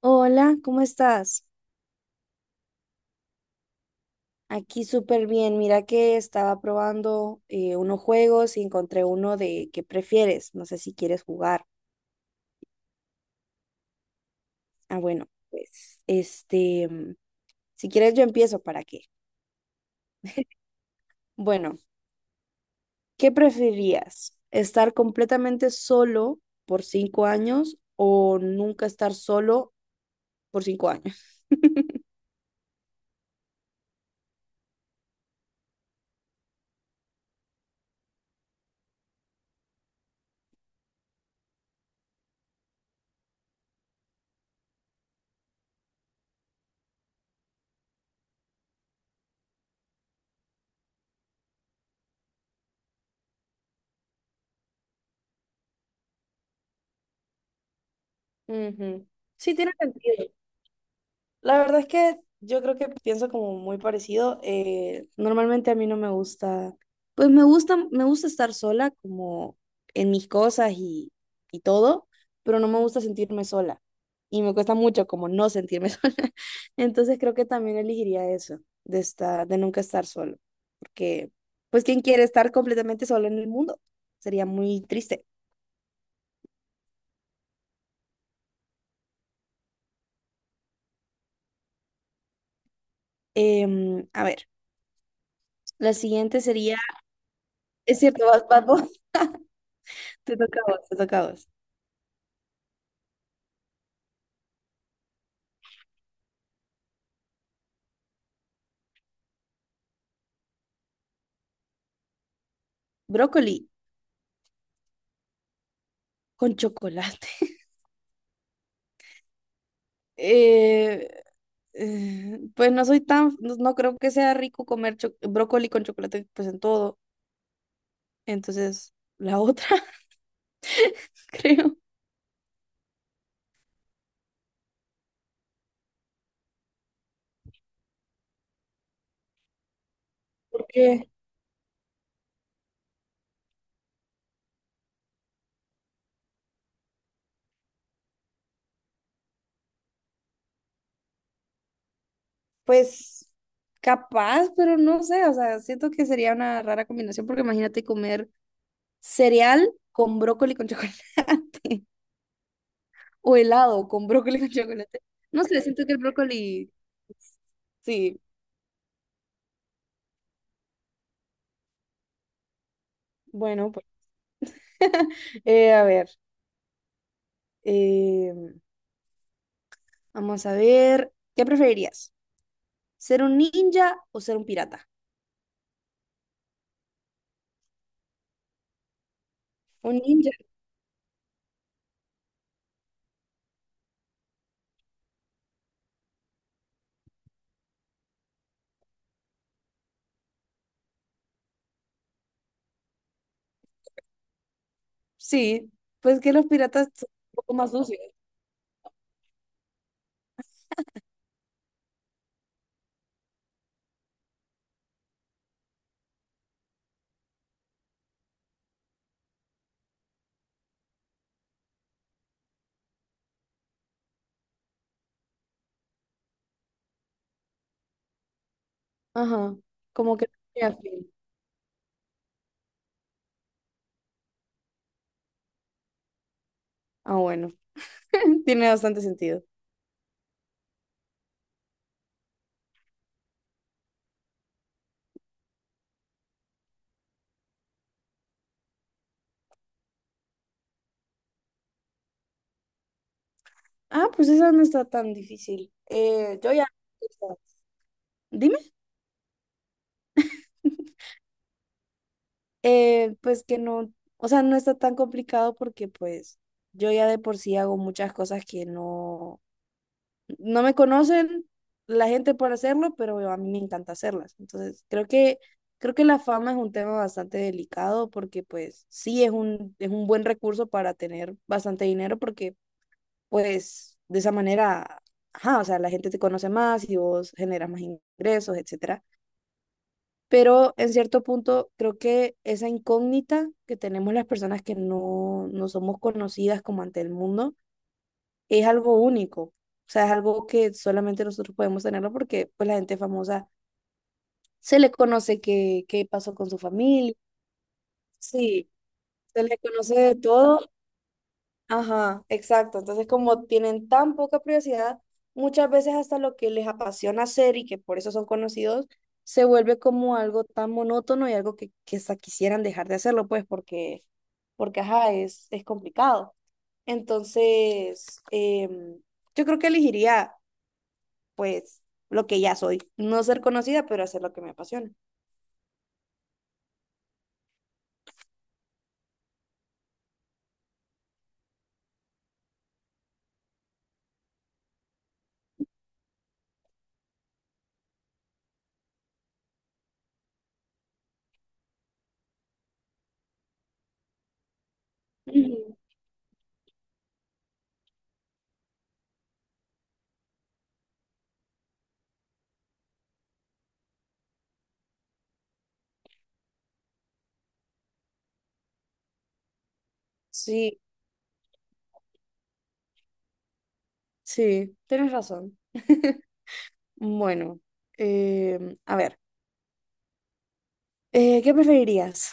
Hola, ¿cómo estás? Aquí súper bien. Mira que estaba probando unos juegos y encontré uno de ¿qué prefieres? No sé si quieres jugar. Ah, bueno, pues este, si quieres yo empiezo, ¿para qué? Bueno, ¿qué preferirías? ¿Estar completamente solo por 5 años o nunca estar solo por 5 años? Ujú. Sí, tiene sentido. La verdad es que yo creo que pienso como muy parecido. Normalmente a mí no me gusta, pues me gusta estar sola como en mis cosas y todo, pero no me gusta sentirme sola. Y me cuesta mucho como no sentirme sola. Entonces creo que también elegiría eso, de estar, de nunca estar solo, porque pues ¿quién quiere estar completamente solo en el mundo? Sería muy triste. Em, a ver, la siguiente sería, es cierto, vas vos, te toca a vos, te toca a vos. Brócoli con chocolate. Eh, pues no soy tan, no, no creo que sea rico comer brócoli con chocolate pues en todo. Entonces, la otra, creo. Porque, pues capaz, pero no sé, o sea, siento que sería una rara combinación porque imagínate comer cereal con brócoli con chocolate o helado con brócoli con chocolate. No sé, siento que el brócoli... pues, sí, bueno, pues a ver. eh, Vamos a ver, ¿qué preferirías? ¿Ser un ninja o ser un pirata? Un ninja, sí, pues que los piratas son un poco más sucios. Ajá, como que... no tiene fin. Ah, bueno, tiene bastante sentido. Ah, pues esa no está tan difícil. Yo ya... Dime. Pues que no, o sea, no está tan complicado porque pues yo ya de por sí hago muchas cosas que no... no me conocen la gente para hacerlo, pero a mí me encanta hacerlas. Entonces, creo que la fama es un tema bastante delicado porque pues sí es un buen recurso para tener bastante dinero porque pues de esa manera, ajá, o sea, la gente te conoce más y vos generas más ingresos, etcétera. Pero en cierto punto creo que esa incógnita que tenemos las personas que no, no somos conocidas como ante el mundo, es algo único. O sea, es algo que solamente nosotros podemos tenerlo porque pues la gente famosa se le conoce qué pasó con su familia. Sí, se le conoce de todo. Ajá, exacto. Entonces, como tienen tan poca privacidad, muchas veces hasta lo que les apasiona hacer y que por eso son conocidos, se vuelve como algo tan monótono y algo que hasta quisieran dejar de hacerlo, pues, porque ajá, es complicado. Entonces, em, yo creo que elegiría pues lo que ya soy. No ser conocida, pero hacer lo que me apasiona. Ujú. Sí, sí, tienes razón. Bueno, em, a ver, ¿qué preferirías?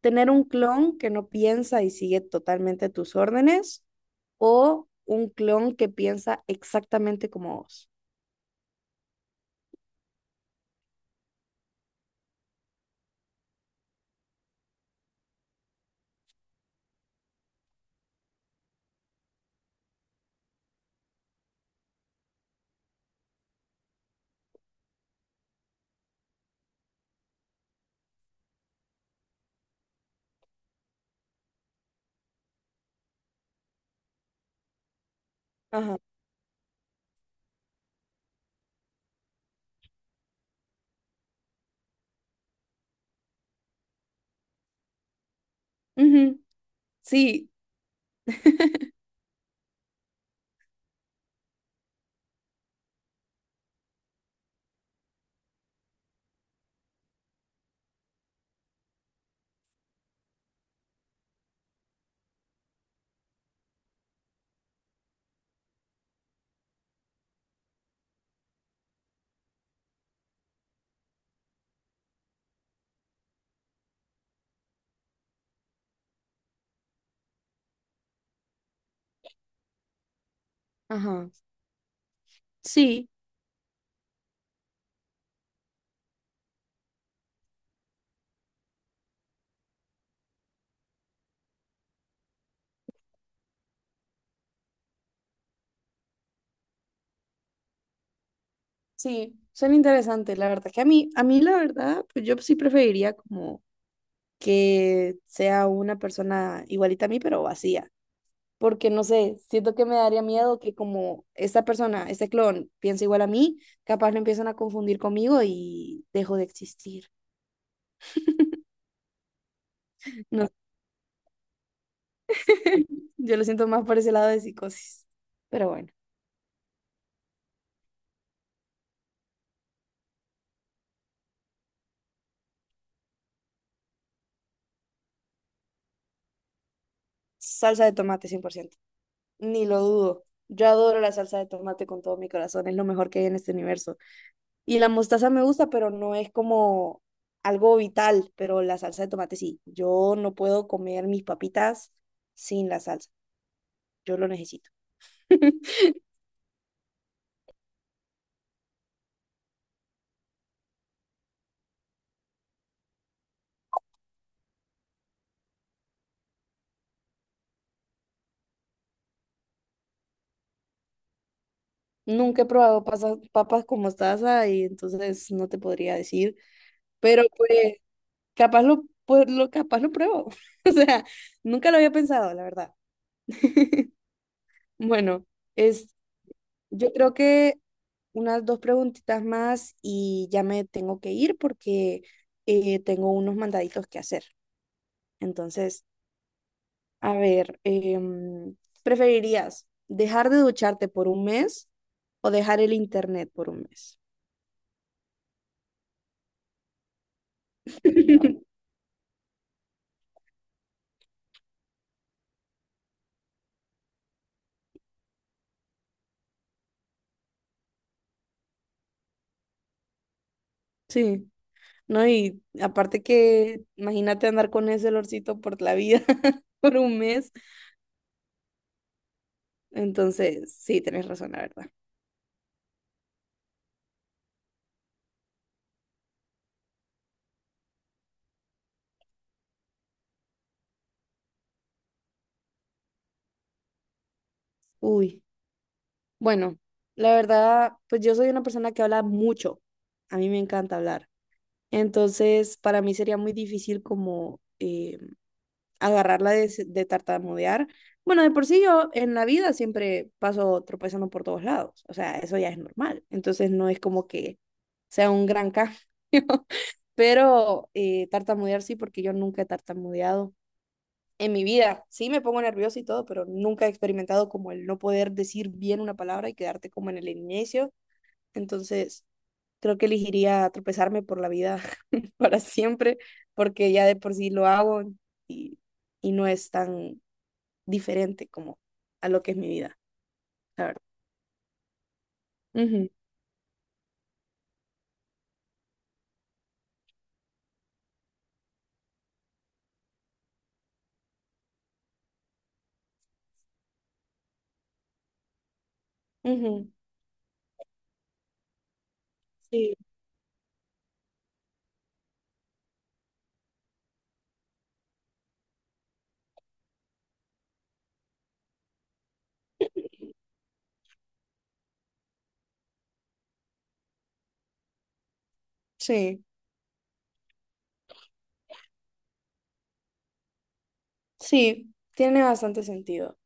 ¿Tener un clon que no piensa y sigue totalmente tus órdenes o un clon que piensa exactamente como vos? Ajá. Ujú, sí, ajá. Sí, sí, son interesantes la verdad que a mí la verdad, pues yo sí preferiría como que sea una persona igualita a mí, pero vacía. Porque no sé, siento que me daría miedo que como esta persona, este clon, piensa igual a mí, capaz lo empiezan a confundir conmigo y dejo de existir. No, yo lo siento más por ese lado de psicosis. Pero bueno, salsa de tomate 100%. Ni lo dudo. Yo adoro la salsa de tomate con todo mi corazón, es lo mejor que hay en este universo. Y la mostaza me gusta, pero no es como algo vital, pero la salsa de tomate sí. Yo no puedo comer mis papitas sin la salsa. Yo lo necesito. Nunca he probado papas con mostaza y entonces no te podría decir, pero pues capaz lo, pues, lo capaz lo pruebo. O sea, nunca lo había pensado, la verdad. Bueno, yo creo que unas dos preguntitas más y ya me tengo que ir porque tengo unos mandaditos que hacer. Entonces, a ver, em, ¿preferirías dejar de ducharte por un mes o dejar el internet por un mes? Sí, ¿no? Y aparte que imagínate andar con ese olorcito por la vida por un mes. Entonces, sí, tenés razón, la verdad. Uy, bueno, la verdad, pues yo soy una persona que habla mucho. A mí me encanta hablar. Entonces, para mí sería muy difícil como agarrarla de, de tartamudear. Bueno, de por sí yo en la vida siempre paso tropezando por todos lados. O sea, eso ya es normal. Entonces, no es como que sea un gran cambio. Pero tartamudear sí, porque yo nunca he tartamudeado en mi vida. Sí, me pongo nerviosa y todo, pero nunca he experimentado como el no poder decir bien una palabra y quedarte como en el inicio entonces, creo que elegiría tropezarme por la vida para siempre, porque ya de por sí lo hago y, y no es tan diferente como a lo que es mi vida, la verdad. Ujú, ujú, sí, sí, sí, tiene bastante sentido.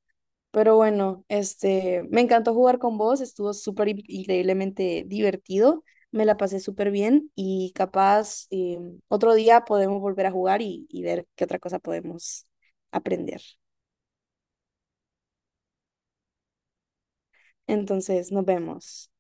Pero bueno, este, me encantó jugar con vos, estuvo súper increíblemente divertido, me la pasé súper bien y capaz otro día podemos volver a jugar y ver qué otra cosa podemos aprender. Entonces, nos vemos.